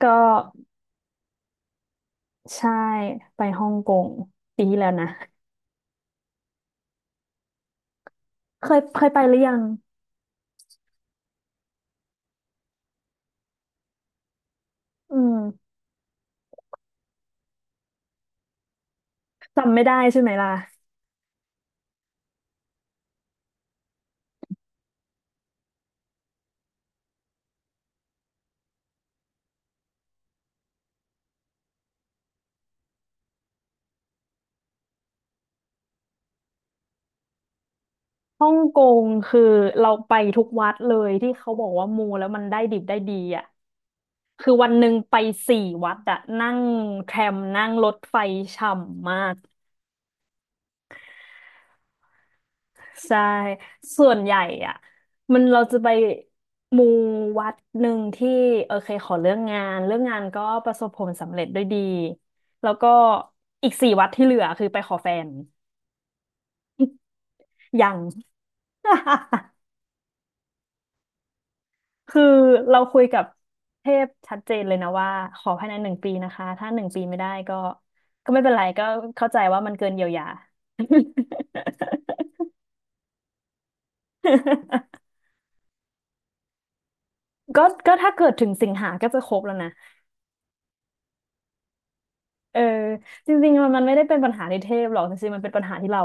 ก็ใช่ไปฮ่องกงปีที่แล้วนะเคยไปหรือยังอืมจำไม่ได้ใช่ไหมล่ะฮ่องกงคือเราไปทุกวัดเลยที่เขาบอกว่ามูแล้วมันได้ดิบได้ดีอ่ะคือวันหนึ่งไปสี่วัดอะนั่งแทรมนั่งรถไฟฉ่ำมาก ใช่ส่วนใหญ่อะมันเราจะไปมูวัดหนึ่งที่โอเคขอเรื่องงานเรื่องงานก็ประสบผลสำเร็จด้วยดีแล้วก็อีกสี่วัดที่เหลือคือไปขอแฟน ยัง คือเราคุยกับเทพชัดเจนเลยนะว่าขอภายในหนึ่งปีนะคะถ้าหนึ่งปีไม่ได้ก็ไม่เป็นไรก็เข้าใจว่ามันเกินเยียวยา ก็ถ้าเกิดถึงสิงหาก็จะครบแล้วนะ เออจริงๆมันไม่ได้เป็นปัญหาในเทพหรอกจริงๆมันเป็นปัญหาที่เรา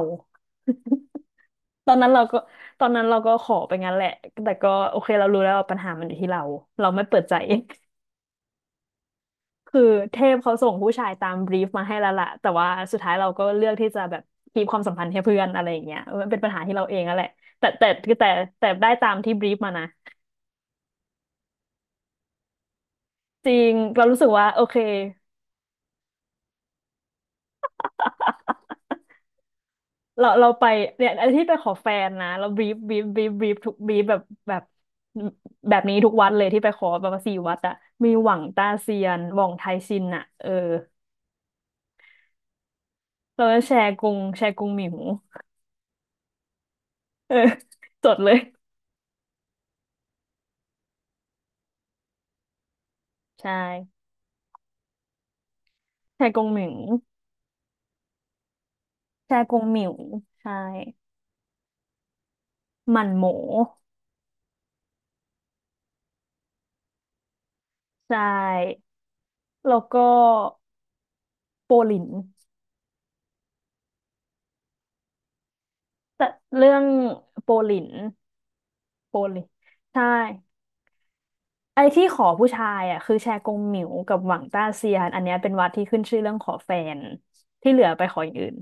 ตอนนั้นเราก็ตอนนั้นเราก็ขอไปงั้นแหละแต่ก็โอเคเรารู้แล้วว่าปัญหามันอยู่ที่เราเราไม่เปิดใจ คือเทพเขาส่งผู้ชายตามบรีฟมาให้แล้วล่ะแต่ว่าสุดท้ายเราก็เลือกที่จะแบบคีปความสัมพันธ์ให้เพื่อนอะไรอย่างเงี้ยเออมันเป็นปัญหาที่เราเองนั่นแหละแต่แต่แต่แต่แต่ได้ตามที่บรีฟมานะจริงเรารู้สึกว่าโอเค เราไปเนี่ยอันที่ไปขอแฟนนะเราบีฟบีฟบีฟบีฟทุกบีฟแบบแบบนี้ทุกวัดเลยที่ไปขอแบบว่าสี่วัดอะมีหวังต้าเซียนหว่องไทยซินอะเออเราจะแชร์กงหมิวเออ จดเลยใช่แชร์กงหมิวแชร์กงหมิวใช่หมั่นโหมใช่แล้วก็โปหลินแต่เรื่องโปหลินโปหลินใช่ ไอ้ที่ขอผู้ชายอ่ะคือแชกงหมิวกับหวังต้าเซียนอันเนี้ยเป็นวัดที่ขึ้นชื่อเรื่องขอแฟนที่เหลือไปขออย่างอื่น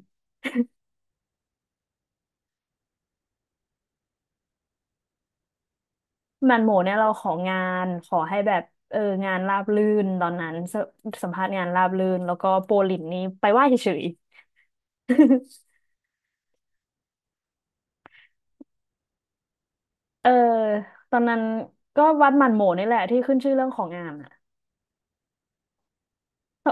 มันโหมเนี่ยเราของานขอให้แบบเอองานราบรื่นตอนนั้นสสัมภาษณ์งานราบรื่นแล้วก็โปลินนี่ไปไหว้เฉยๆ เออตอนนั้นก็วัดหมันโหมนี่แหละที่ขึ้นชื่อเรื่องของงานอ่ะเออ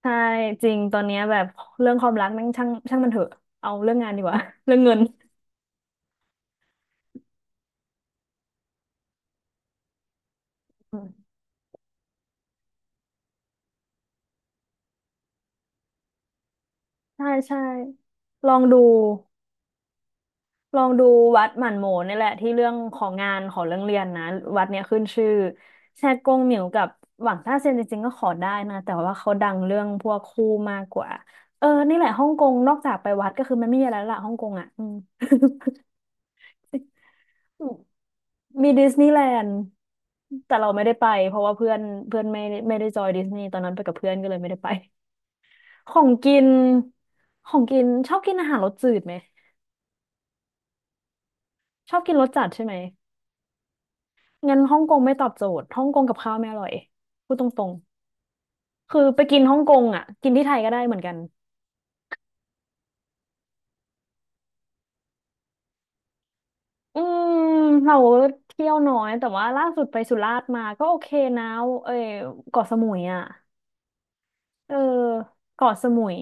ใช่จริงตอนเนี้ยแบบเรื่องความรักนั่งช่างมันเถอะเอาเรื่องงานดีกว่า เรื่องเงินอืมใช่ใช่ลองดู ลองดูวัดหมั่นโหมนี่แหละที่เรื่องของงานของเรื่องเรียนนะวัดเนี้ยขึ้นชื่อแชกงเหมียวกับหวังต้าเซียนจริงๆก็ขอได้นะแต่ว่าเขาดังเรื่องพวกคู่มากกว่าเออนี่แหละฮ่องกงนอกจากไปวัดก็คือมันไม่มีอะไรแล้วละฮ่องกงอ่ะอืม มีดิสนีย์แลนด์แต่เราไม่ได้ไปเพราะว่าเพื่อนเพื่อนไม่ได้จอยดิสนีย์ตอนนั้นไปกับเพื่อนก็เลยไม่ได้ไปของกินของกินชอบกินอาหารรสจืดไหมชอบกินรสจัดใช่ไหม งั้นฮ่องกงไม่ตอบโจทย์ฮ่องกงกับข้าวไม่อร่อยพูดตรงๆ คือไปกินฮ่องกงอ่ะ กินที่ไทยก็ได้เหมือนกันอืมเราเที่ยวน้อยแต่ว่าล่าสุดไปสุราษฎร์มาก็โอเคนะเอ้ยเกาะสมุยอ่ะเออเกาะสมุย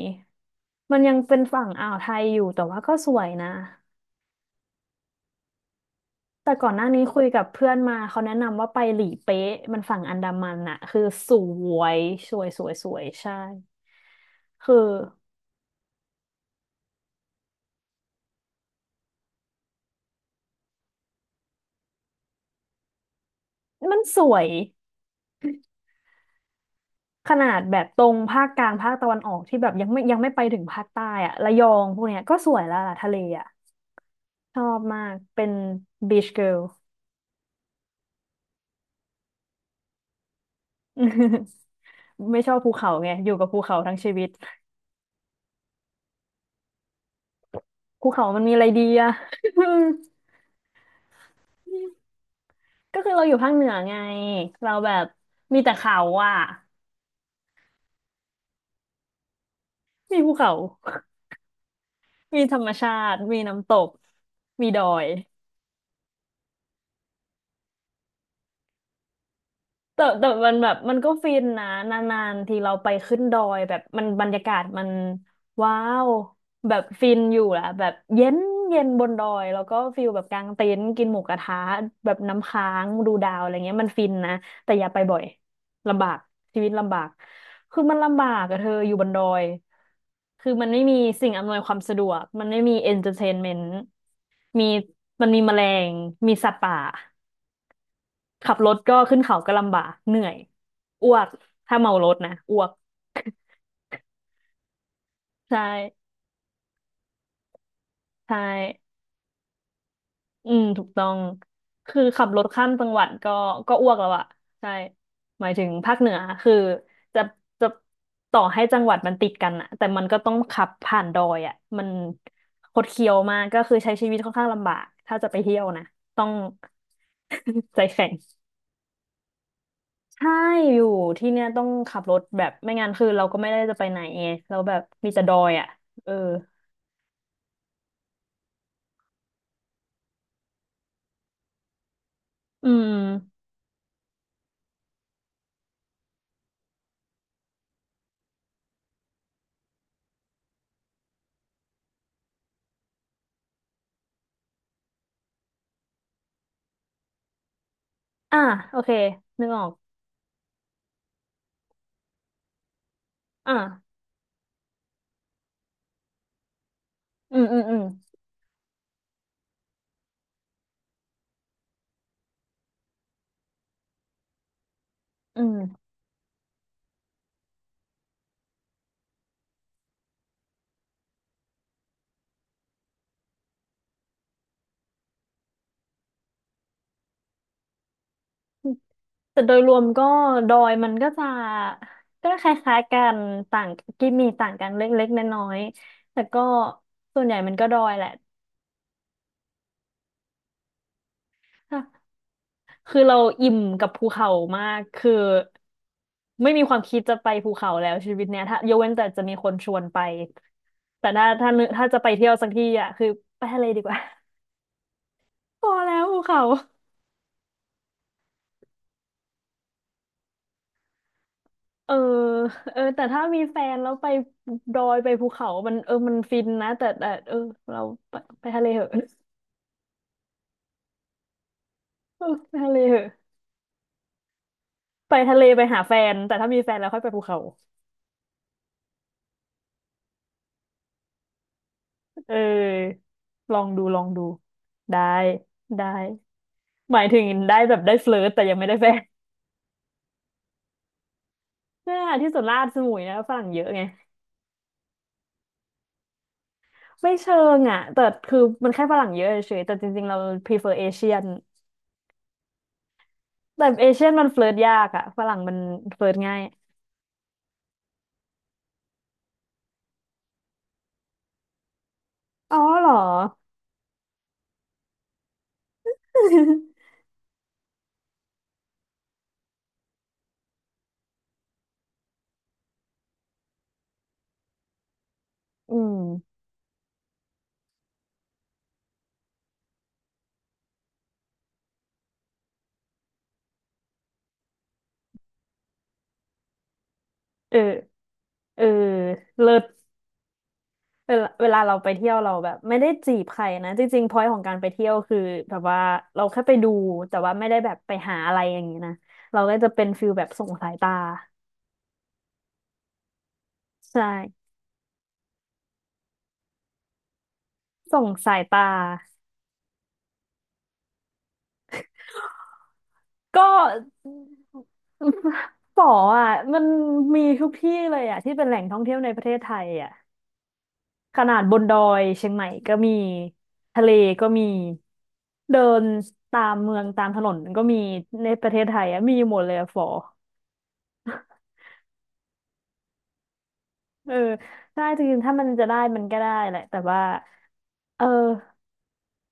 มันยังเป็นฝั่งอ่าวไทยอยู่แต่ว่าก็สวยนะแต่ก่อนหน้านี้คุยกับเพื่อนมาเขาแนะนำว่าไปหลีเป๊ะมันฝั่งอันดามันน่ะคือสวยสวยสวยสวยใช่คือมันสวย ขนาดแบบตรงภาคกลางภาคตะวันออกที่แบบยังไม่ไปถึงภาคใต้อะระยองพวกเนี้ยก็สวยแล้วล่ะทะเลอะชอบมากเป็นบีชเกิ l ล ไม่ชอบภูเขาไงอยู่กับภูเขาทั้งชีวิตภูเขามันมีอะไรดีอะ ก็คือเราอยู่ภาคเหนือไงเราแบบมีแต่เขาอะมีภูเขา มีธรรมชาติมีน้ำตกมีดอย แต่มันแบบมันก็ฟินนะนานๆทีเราไปขึ้นดอยแบบมันบรรยากาศมันว้าวแบบฟินอยู่แหละแบบเย็นบนดอยแล้วก็ฟิลแบบกางเต็นท์กินหมูกระทะแบบน้ำค้างดูดาวอะไรเงี้ยมันฟินนะแต่อย่าไปบ่อยลำบากชีวิตลำบากคือมันลำบากอะเธออยู่บนดอยคือมันไม่มีสิ่งอำนวยความสะดวกมันไม่มีเอนเตอร์เทนเมนต์มีมันมีแมลงมีสัตว์ป่า ขับรถก็ขึ้นเขาก็ลำบากเหนื่อยอ้วกถ้าเมารถนะอ้วก ใช่ใช่อืมถูกต้องคือขับรถข้ามจังหวัดก็อ้วกแล้วอะใช่หมายถึงภาคเหนือคือจะจะต่อให้จังหวัดมันติดกันอะแต่มันก็ต้องขับผ่านดอยอะมันคดเคี้ยวมากก็คือใช้ชีวิตค่อนข้างลำบากถ้าจะไปเที่ยวนะต้อง ใจแข็ง ใช่อยู่ที่เนี่ยต้องขับรถแบบไม่งั้นคือเราก็ไม่ได้จะไปไหนไงเราแบบมีแต่ดอยอ่ะเอออืมอ่ะโอเคนึกออกอ่ะอืมอืมอืมอืมแต่โดยรวมก็ดอยมันก็จะก็คล้ายๆกันต่างกิมมีต่างกันเล็กๆน้อยๆแต่ก็ส่วนใหญ่มันก็ดอยแหละ คือเราอิ่มกับภูเขามากคือไม่มีความคิดจะไปภูเขาแล้วชีวิตเนี้ยถ้ายกเว้นแต่จะมีคนชวนไป แต่ถ้าถ้าจะไปเที่ยวสักที่อ่ะคือไปทะเลดีกว่า พอแล้วภูเขาเออเออแต่ถ้ามีแฟนแล้วไปดอยไปภูเขามันเออมันฟินนะแต่เออเราไปไปทะเลเหอะ เออไปทะเลเหอะไปทะเลไปหาแฟนแต่ถ้ามีแฟนแล้วค่อยไปภูเขาเออลองดูลองดูได้ได้ หมายถึงได้แบบได้เฟลิร์ตแต่ยังไม่ได้แฟน เนี่ยที่สุดราชสมุยนะฝรั่งเยอะไงไม่เชิงอ่ะแต่คือมันแค่ฝรั่งเยอะเฉยๆแต่จริงๆเรา prefer เอเชียนแต่เอเชียนมันเฟลิร์ตยากอ่ะฝรั่งมันเฟลิร์ตง่ายอ๋อเหรอ อืมเออเออเลิศเวลาเราไปเที่ยวเราแบบไม่ได้จีบใครนะจริงๆพอย n t ของการไปเที่ยวคือแบบว่าเราแค่ไปดูแต่ว่าไม่ได้แบบไปหาอะไรอย่างนี้นะเราก็จะเป็นฟิลแบบส่งสายตาใช่ส่งสายตา ก็ป๋ออ่ะมันมีทุกที่เลยอ่ะที่เป็นแหล่งท่องเที่ยวในประเทศไทยอ่ะขนาดบนดอยเชียงใหม่ก็มีทะเลก็มีเดินตามเมืองตามถนนก็มีในประเทศไทยอ่ะมีหมดเลยอ่ะฝอเออใช่จริงๆถ้ามันจะได้มันก็ได้แหละแต่ว่าเออ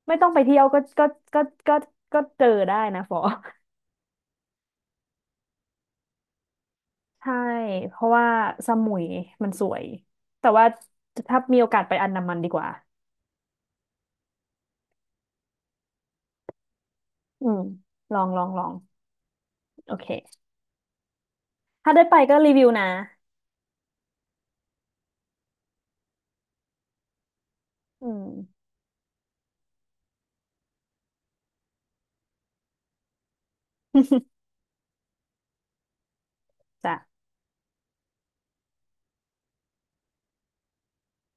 ไม่ต้องไปเที่ยวก็ก็ก็เจอได้นะฝอ ใช่เพราะว่าสมุยมันสวยแต่ว่าถ้ามีโอกาสไปอันดามันดีกว่า อืมลองลองลองโอเคถ้าได้ไปก็รีวิวนะอืม จ้ะ